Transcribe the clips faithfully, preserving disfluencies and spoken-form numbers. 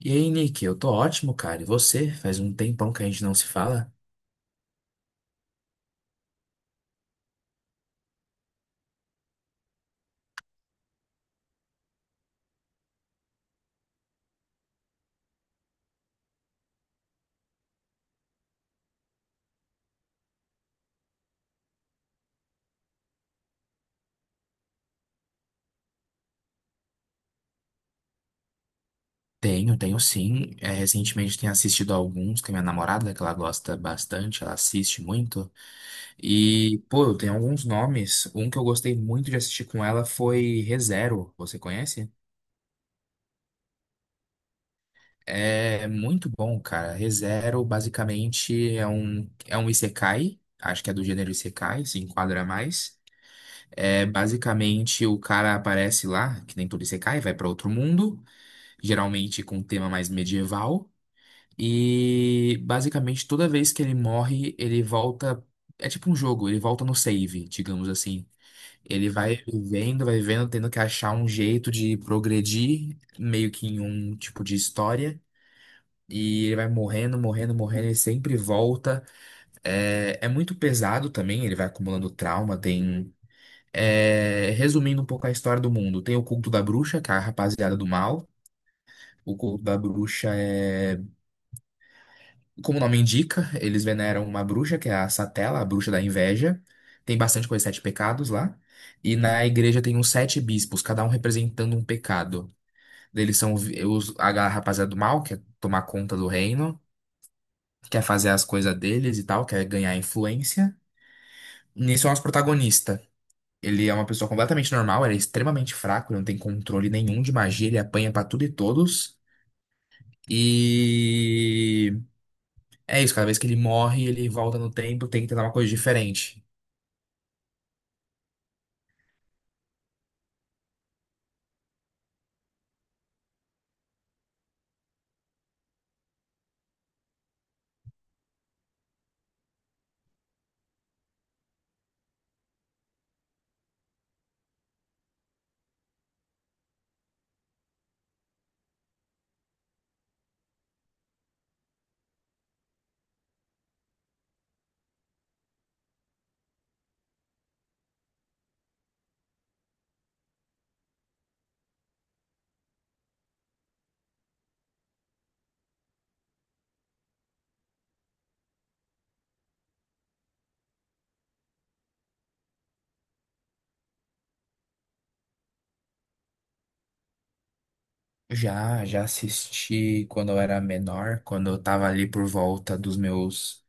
E aí, Nick, eu tô ótimo, cara. E você? Faz um tempão que a gente não se fala? Tenho, tenho sim. É, recentemente tenho assistido alguns que a minha namorada, que ela gosta bastante, ela assiste muito. E, pô, eu tenho alguns nomes. Um que eu gostei muito de assistir com ela foi ReZero. Você conhece? É muito bom, cara. ReZero basicamente é um, é um isekai. Acho que é do gênero isekai, se enquadra mais. É, basicamente, o cara aparece lá, que nem todo isekai, vai pra outro mundo, geralmente com um tema mais medieval. E basicamente toda vez que ele morre, ele volta. É tipo um jogo, ele volta no save, digamos assim. Ele vai vivendo, vai vivendo, tendo que achar um jeito de progredir, meio que em um tipo de história. E ele vai morrendo, morrendo, morrendo, ele sempre volta. É, é muito pesado também, ele vai acumulando trauma, tem. É, resumindo um pouco a história do mundo, tem o culto da bruxa, que é a rapaziada do mal. O culto da bruxa. é Como o nome indica, eles veneram uma bruxa, que é a Satela, a bruxa da inveja. Tem bastante coisa, sete pecados lá. E na igreja tem uns sete bispos, cada um representando um pecado. Eles são vi- os, a rapaziada do mal, que é tomar conta do reino, quer fazer as coisas deles e tal, quer ganhar influência. Nisso é o nosso protagonista. Ele é uma pessoa completamente normal, ele é extremamente fraco, ele não tem controle nenhum de magia, ele apanha pra tudo e todos. E. É isso, cada vez que ele morre, ele volta no tempo, tem que tentar uma coisa diferente. Já, já assisti quando eu era menor, quando eu tava ali por volta dos meus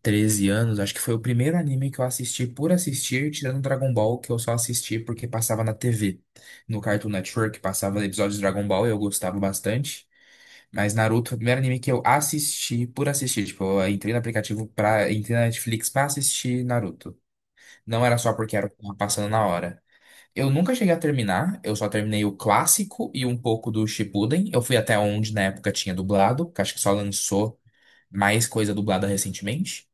treze anos. Acho que foi o primeiro anime que eu assisti por assistir, tirando Dragon Ball, que eu só assisti porque passava na T V. No Cartoon Network passava episódios de Dragon Ball e eu gostava bastante. Mas Naruto foi o primeiro anime que eu assisti por assistir. Tipo, eu entrei no aplicativo pra, entrei na Netflix pra assistir Naruto. Não era só porque era o que tava passando na hora. Eu nunca cheguei a terminar, eu só terminei o clássico e um pouco do Shippuden. Eu fui até onde na época tinha dublado, que acho que só lançou mais coisa dublada recentemente.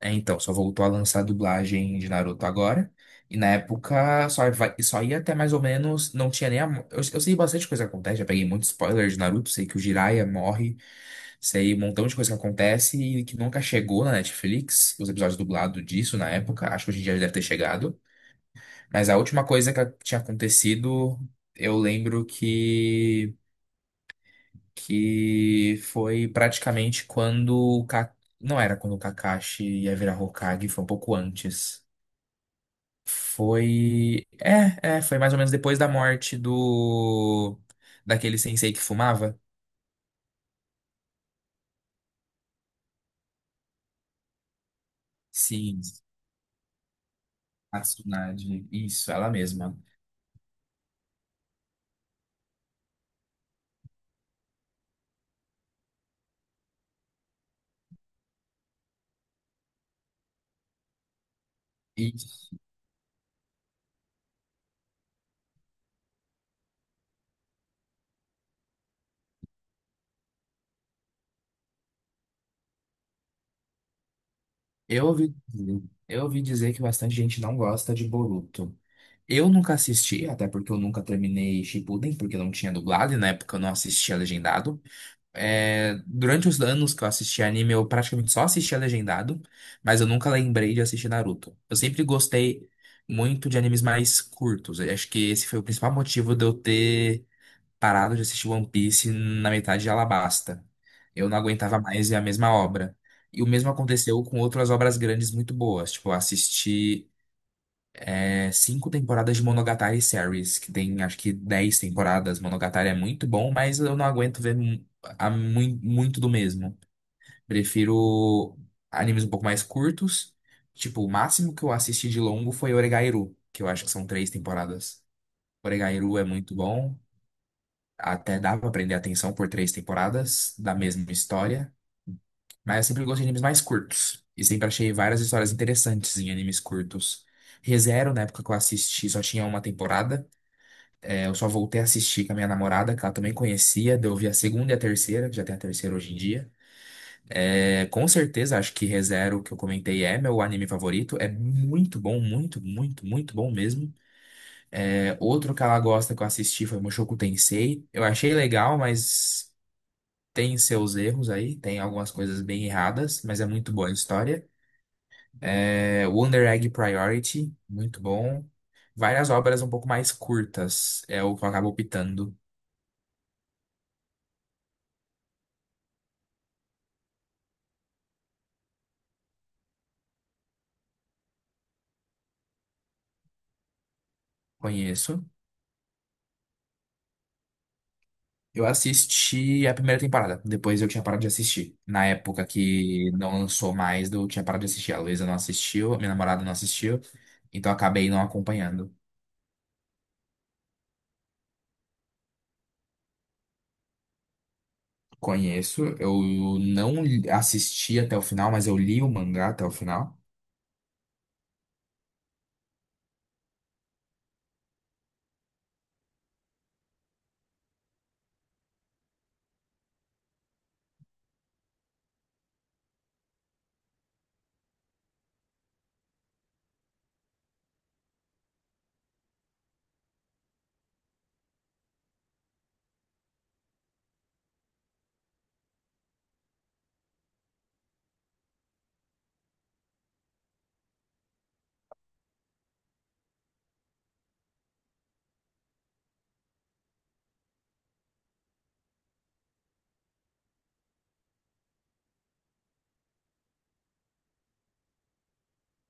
É, então, só voltou a lançar a dublagem de Naruto agora. E na época só, vai- só ia até mais ou menos, não tinha nem a. mo- Eu, eu sei bastante coisa que acontece, já peguei muito spoiler de Naruto, sei que o Jiraiya morre, sei um montão de coisa que acontece e que nunca chegou na Netflix, os episódios dublados disso na época, acho que hoje em dia já deve ter chegado. Mas a última coisa que a- tinha acontecido, eu lembro que, que foi praticamente quando o Ka... Não era quando o Kakashi ia virar Hokage, foi um pouco antes. Foi. É, é, foi mais ou menos depois da morte do. Daquele sensei que fumava. Sim, a Tsunade. Isso, ela mesma. E eu ouvi, eu ouvi dizer que bastante gente não gosta de Boruto. Eu nunca assisti, até porque eu nunca terminei Shippuden, porque não tinha dublado e na época eu não assistia legendado. É, durante os anos que eu assisti anime, eu praticamente só assistia legendado, mas eu nunca lembrei de assistir Naruto. Eu sempre gostei muito de animes mais curtos. Eu acho que esse foi o principal motivo de eu ter parado de assistir One Piece na metade de Alabasta. Eu não aguentava mais ver a mesma obra. E o mesmo aconteceu com outras obras grandes muito boas. Tipo, eu assisti. É cinco temporadas de Monogatari Series, que tem acho que dez temporadas. Monogatari é muito bom, mas eu não aguento ver mu- a mui- muito do mesmo. Prefiro animes um pouco mais curtos. Tipo, o máximo que eu assisti de longo foi Oregairu, que eu acho que são três temporadas. Oregairu é muito bom, até dá pra prender atenção por três temporadas da mesma história. Mas eu sempre gostei de animes mais curtos. E sempre achei várias histórias interessantes em animes curtos. ReZero, na época que eu assisti, só tinha uma temporada. Eu só voltei a assistir com a minha namorada, que ela também conhecia. Daí eu vi a segunda e a terceira, que já tem a terceira hoje em dia. É, com certeza, acho que ReZero, que eu comentei, é meu anime favorito. É muito bom, muito, muito, muito bom mesmo. É, outro que ela gosta que eu assisti foi Mushoku Tensei. Eu achei legal, mas tem seus erros aí. Tem algumas coisas bem erradas, mas é muito boa a história. É, Wonder Egg Priority, muito bom. Várias obras um pouco mais curtas, é o que eu acabo optando. Conheço. Eu assisti a primeira temporada, depois eu tinha parado de assistir. Na época que não lançou mais, eu tinha parado de assistir. A Luísa não assistiu, a minha namorada não assistiu, então eu acabei não acompanhando. Conheço, eu não li- assisti até o final, mas eu li o mangá até o final.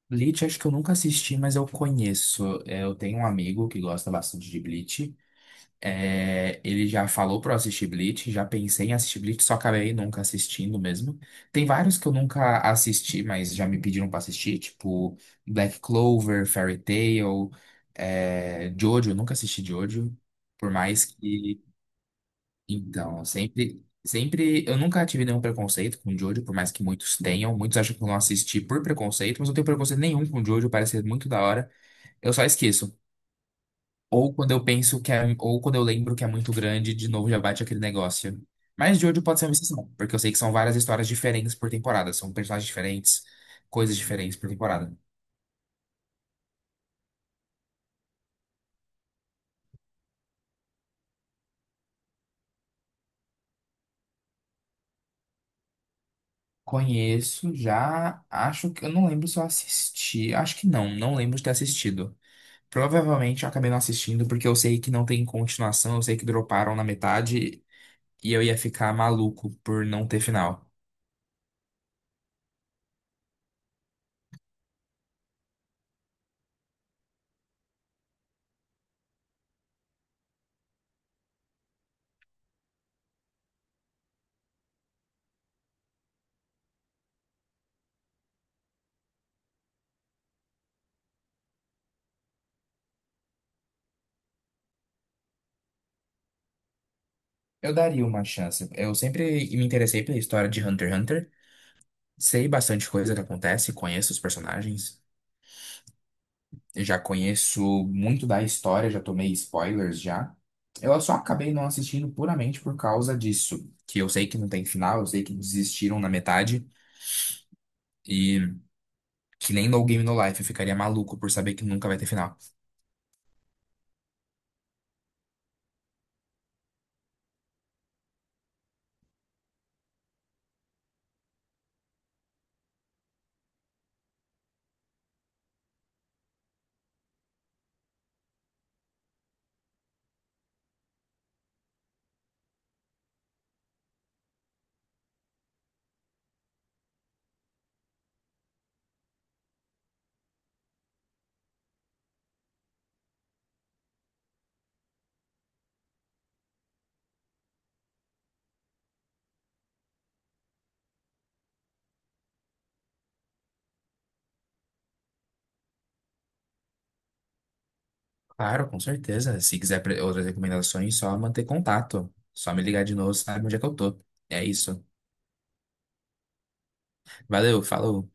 Bleach, acho que eu nunca assisti, mas eu conheço. É, eu tenho um amigo que gosta bastante de Bleach. É, ele já falou pra eu assistir Bleach, já pensei em assistir Bleach, só acabei nunca assistindo mesmo. Tem vários que eu nunca assisti, mas já me pediram pra assistir, tipo Black Clover, Fairy Tail, é, Jojo, eu nunca assisti Jojo, por mais que. Então, sempre, sempre. Eu nunca tive nenhum preconceito com Jojo, por mais que muitos tenham. Muitos acham que eu não assisti por preconceito, mas eu não tenho preconceito nenhum com Jojo, parece ser muito da hora. Eu só esqueço. Ou quando eu penso que é, ou quando eu lembro que é muito grande, de novo já bate aquele negócio. Mas Jojo pode ser uma exceção, porque eu sei que são várias histórias diferentes por temporada, são personagens diferentes, coisas diferentes por temporada. Conheço já, acho que eu não lembro se eu assisti, acho que não, não lembro de ter assistido. Provavelmente eu acabei não assistindo porque eu sei que não tem continuação, eu sei que droparam na metade e eu ia ficar maluco por não ter final. Eu daria uma chance. Eu sempre me interessei pela história de Hunter x Hunter. Sei bastante coisa que acontece, conheço os personagens, já conheço muito da história, já tomei spoilers já. Eu só acabei não assistindo puramente por causa disso, que eu sei que não tem final, eu sei que desistiram na metade e que nem No Game No Life eu ficaria maluco por saber que nunca vai ter final. Claro, com certeza. Se quiser pre- outras recomendações, só manter contato, só me ligar de novo, sabe onde é que eu tô. É isso. Valeu, falou.